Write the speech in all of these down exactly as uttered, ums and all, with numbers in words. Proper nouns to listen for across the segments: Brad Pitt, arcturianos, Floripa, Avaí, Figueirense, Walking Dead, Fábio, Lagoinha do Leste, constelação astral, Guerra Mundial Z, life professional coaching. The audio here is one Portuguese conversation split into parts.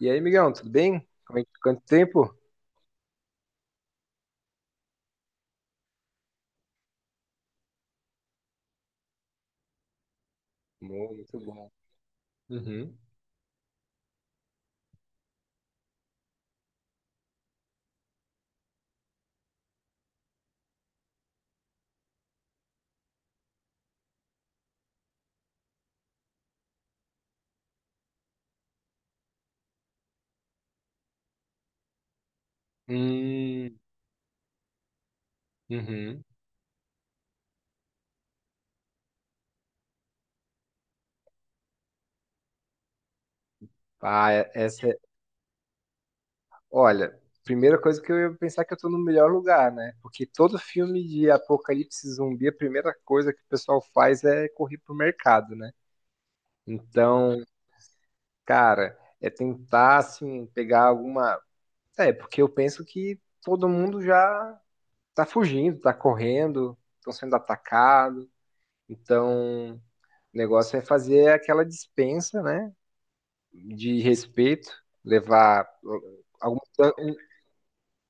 E aí, Miguel, tudo bem? Como é que- Quanto tempo? Bom, Muito bom. Uhum. Hum, uhum. Ah, é- essa é... Olha, primeira coisa que eu ia pensar que eu tô no melhor lugar, né? Porque todo filme de apocalipse zumbi, a primeira coisa que o pessoal faz é correr pro mercado, né? Então, cara, é tentar, assim, pegar alguma... É, porque eu penso que todo mundo já tá fugindo, tá correndo, estão sendo atacados. Então... O negócio é fazer aquela dispensa, né? De respeito, levar algum, tan- um-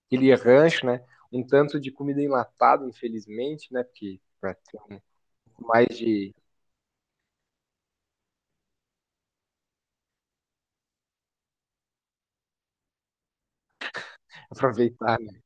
aquele rancho, né? Um tanto de comida enlatada, infelizmente, né? Porque para ter um pouco mais de aproveitar, né?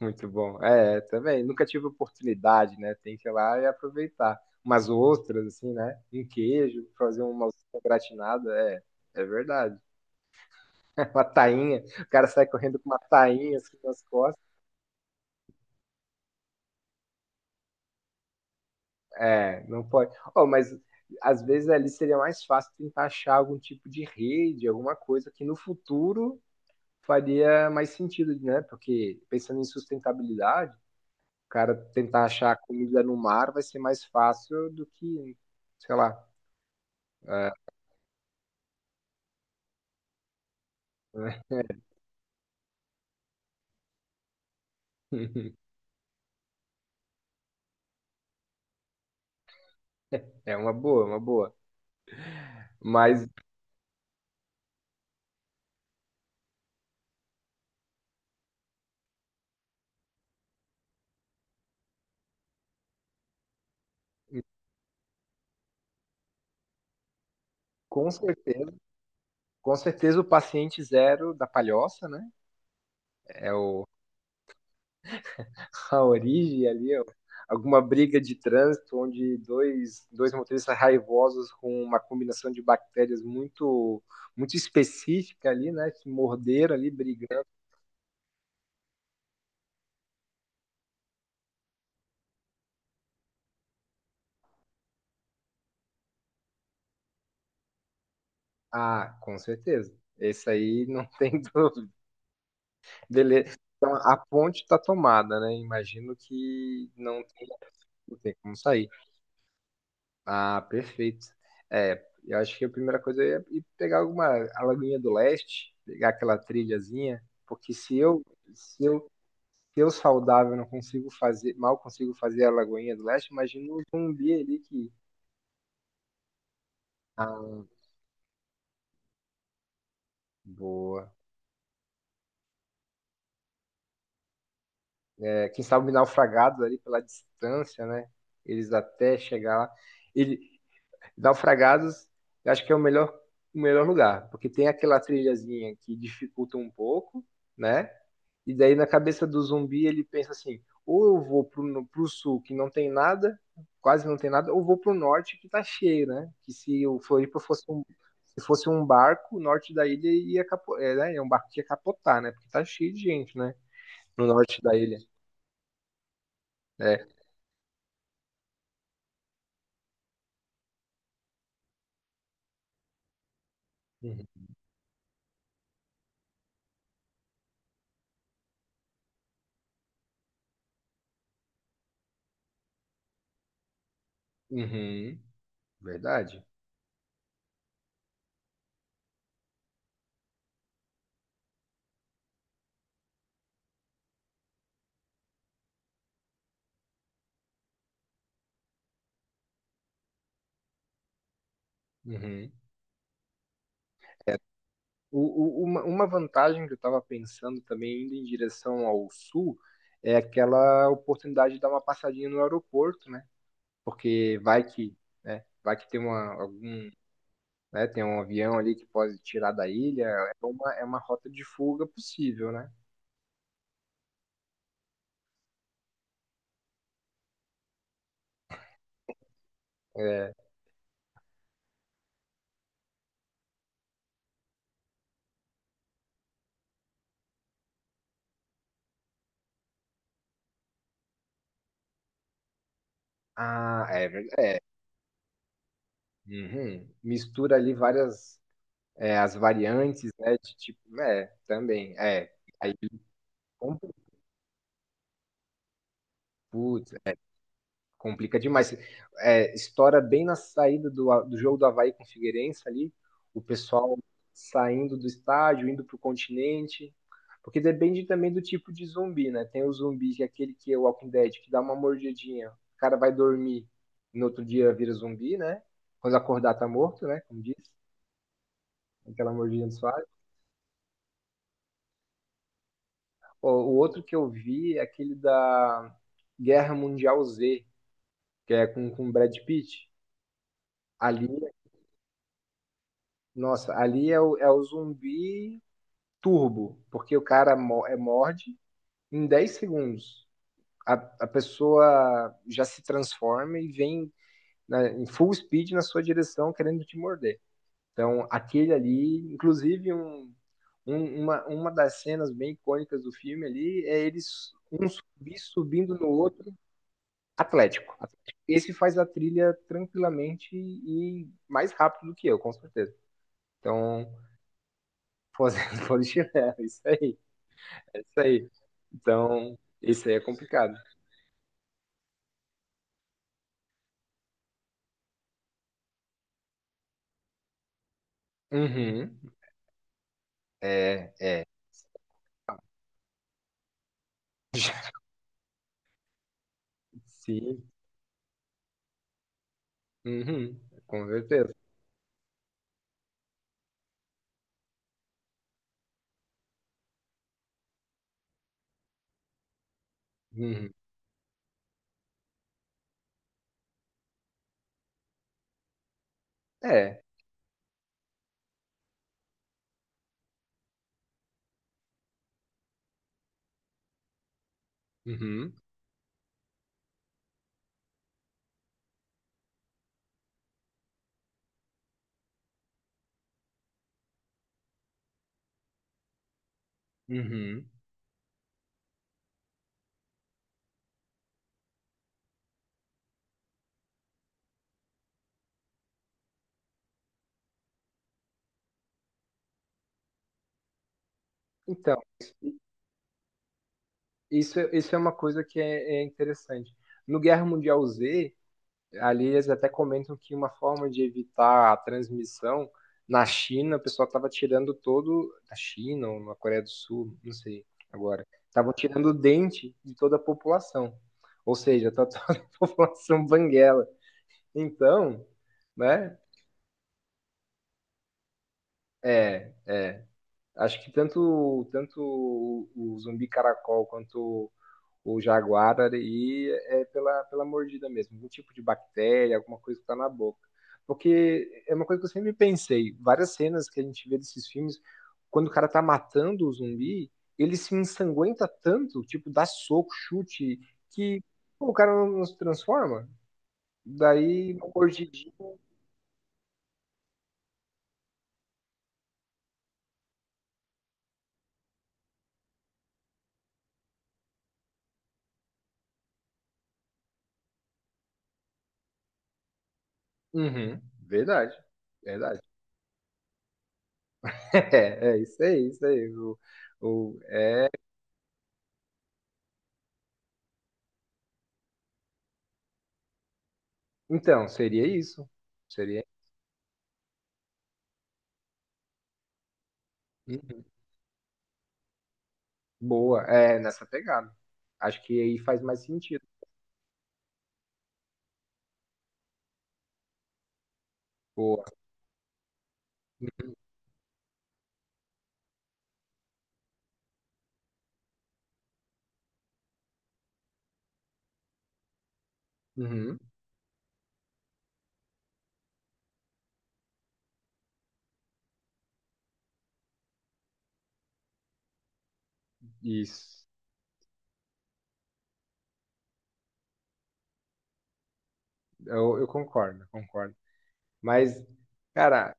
Muito bom. É, também. Nunca tive oportunidade, né? Tem que ir lá e aproveitar. Umas ostras, assim, né? Um queijo, fazer uma ostra gratinada, é, é verdade. Uma tainha. O cara sai correndo com uma tainha assim nas costas. É, não pode. Oh, mas às vezes ali seria mais fácil tentar achar algum tipo de rede, alguma coisa que no futuro faria mais sentido, né? Porque pensando em sustentabilidade, o cara tentar achar comida no mar vai ser mais fácil do que, sei lá. É, é uma boa, uma boa. Mas com certeza, com certeza o paciente zero da palhoça, né? É o a origem ali, ó, alguma briga de trânsito onde dois, dois motoristas raivosos com uma combinação de bactérias muito muito específica ali, né, que morderam ali brigando. Ah, com certeza. Esse aí não tem dúvida. Beleza. Então, a ponte está tomada, né? Imagino que não tem, não tem como sair. Ah, perfeito. É, eu acho que a primeira coisa é ir pegar alguma a Lagoinha do Leste, pegar aquela trilhazinha, porque se eu, se eu, se eu saudável não consigo fazer, mal consigo fazer a Lagoinha do Leste, imagina um zumbi ali que, ah, boa. É, quem sabe naufragados ali pela distância, né? Eles até chegar lá. Ele, Naufragados, eu acho que é o melhor, o melhor lugar, porque tem aquela trilhazinha que dificulta um pouco, né? E daí na cabeça do zumbi ele pensa assim: ou eu vou pro, no- pro sul que não tem nada, quase não tem nada, ou vou pro norte que tá cheio, né? Que se o Floripa fosse um, se fosse um barco, o norte da ilha ia capo, é, né? É um barco que ia capotar, né? Porque tá cheio de gente, né? No norte da ilha. É. Uhum. Uhum. Verdade. Uhum. O- o- uma, uma vantagem que eu estava pensando também, indo em direção ao sul, é aquela oportunidade de dar uma passadinha no aeroporto, né? porque vai que, né, vai que tem uma, algum, né, tem um avião ali que pode tirar da ilha, é uma, é uma rota de fuga possível, né? É, ah, é verdade. Uhum. Mistura ali várias, é, as variantes, né, de tipo, é, também, é, aí, putz, Complica demais. É, estoura bem na saída do, do jogo do Avaí com o Figueirense ali. O pessoal saindo do estádio, indo para o continente. Porque depende também do tipo de zumbi, né? Tem o zumbi, que é aquele que é o Walking Dead, que dá uma mordidinha. O cara vai dormir, no outro dia vira zumbi, né? Quando acordar tá morto, né? Como diz, aquela mordidinha do Soares. O, o outro que eu vi é aquele da Guerra Mundial zê, que é com, com Brad Pitt. Ali Nossa, ali é o, é o, zumbi turbo, porque o cara mo- é morde em dez segundos. A, a pessoa já se transforma e vem na- em full speed na sua direção querendo te morder. Então, aquele ali, inclusive um, um- uma, uma das cenas bem icônicas do filme ali é eles um zumbi subindo no outro, Atlético. Atlético. Esse faz a trilha tranquilamente e mais rápido do que eu, com certeza. Então, Fazendo polichinelo, isso aí, é isso aí. Então, isso aí é complicado. Uhum. É, é. Sim. Uhum. Com certeza. Uhum. É. Uhum. Uhum. Então, isso, é- isso é uma coisa que é, é interessante. No Guerra Mundial zê, ali eles até comentam que uma forma de evitar a transmissão na China, o pessoal estava tirando todo. Na China ou na Coreia do Sul, não sei agora. Estavam tirando o dente de toda a população. Ou seja, tá toda a população banguela. Então, né? É, é. Acho que tanto, tanto o, o zumbi caracol quanto o Jaguar e é pela, pela mordida mesmo, algum tipo de bactéria, alguma coisa que tá na boca. Porque é uma coisa que eu sempre pensei, várias cenas que a gente vê desses filmes, quando o cara tá matando o zumbi, ele se ensanguenta tanto, tipo, dá soco, chute, que pô, o cara não, não se transforma. Daí, uma mordidinha. Uhum, verdade, verdade. É, é isso aí, isso aí. O, o, é... Então, seria isso. Seria. hum. Boa, é nessa pegada. Acho que aí faz mais sentido. Boa. Uhum, isso. Eu, eu concordo, concordo. Mas, cara,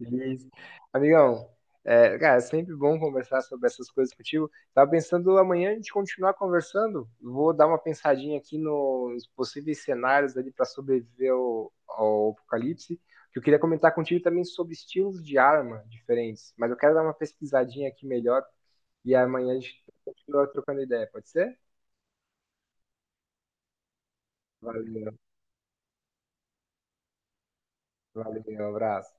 Isso. Amigão, é, cara, é sempre bom conversar sobre essas coisas contigo. Tava pensando amanhã a gente continuar conversando. Vou dar uma pensadinha aqui no- nos possíveis cenários ali para sobreviver ao, ao apocalipse. Que eu queria comentar contigo também sobre estilos de arma diferentes, mas eu quero dar uma pesquisadinha aqui melhor e amanhã a gente continua trocando ideia, pode ser? Valeu, valeu, um abraço.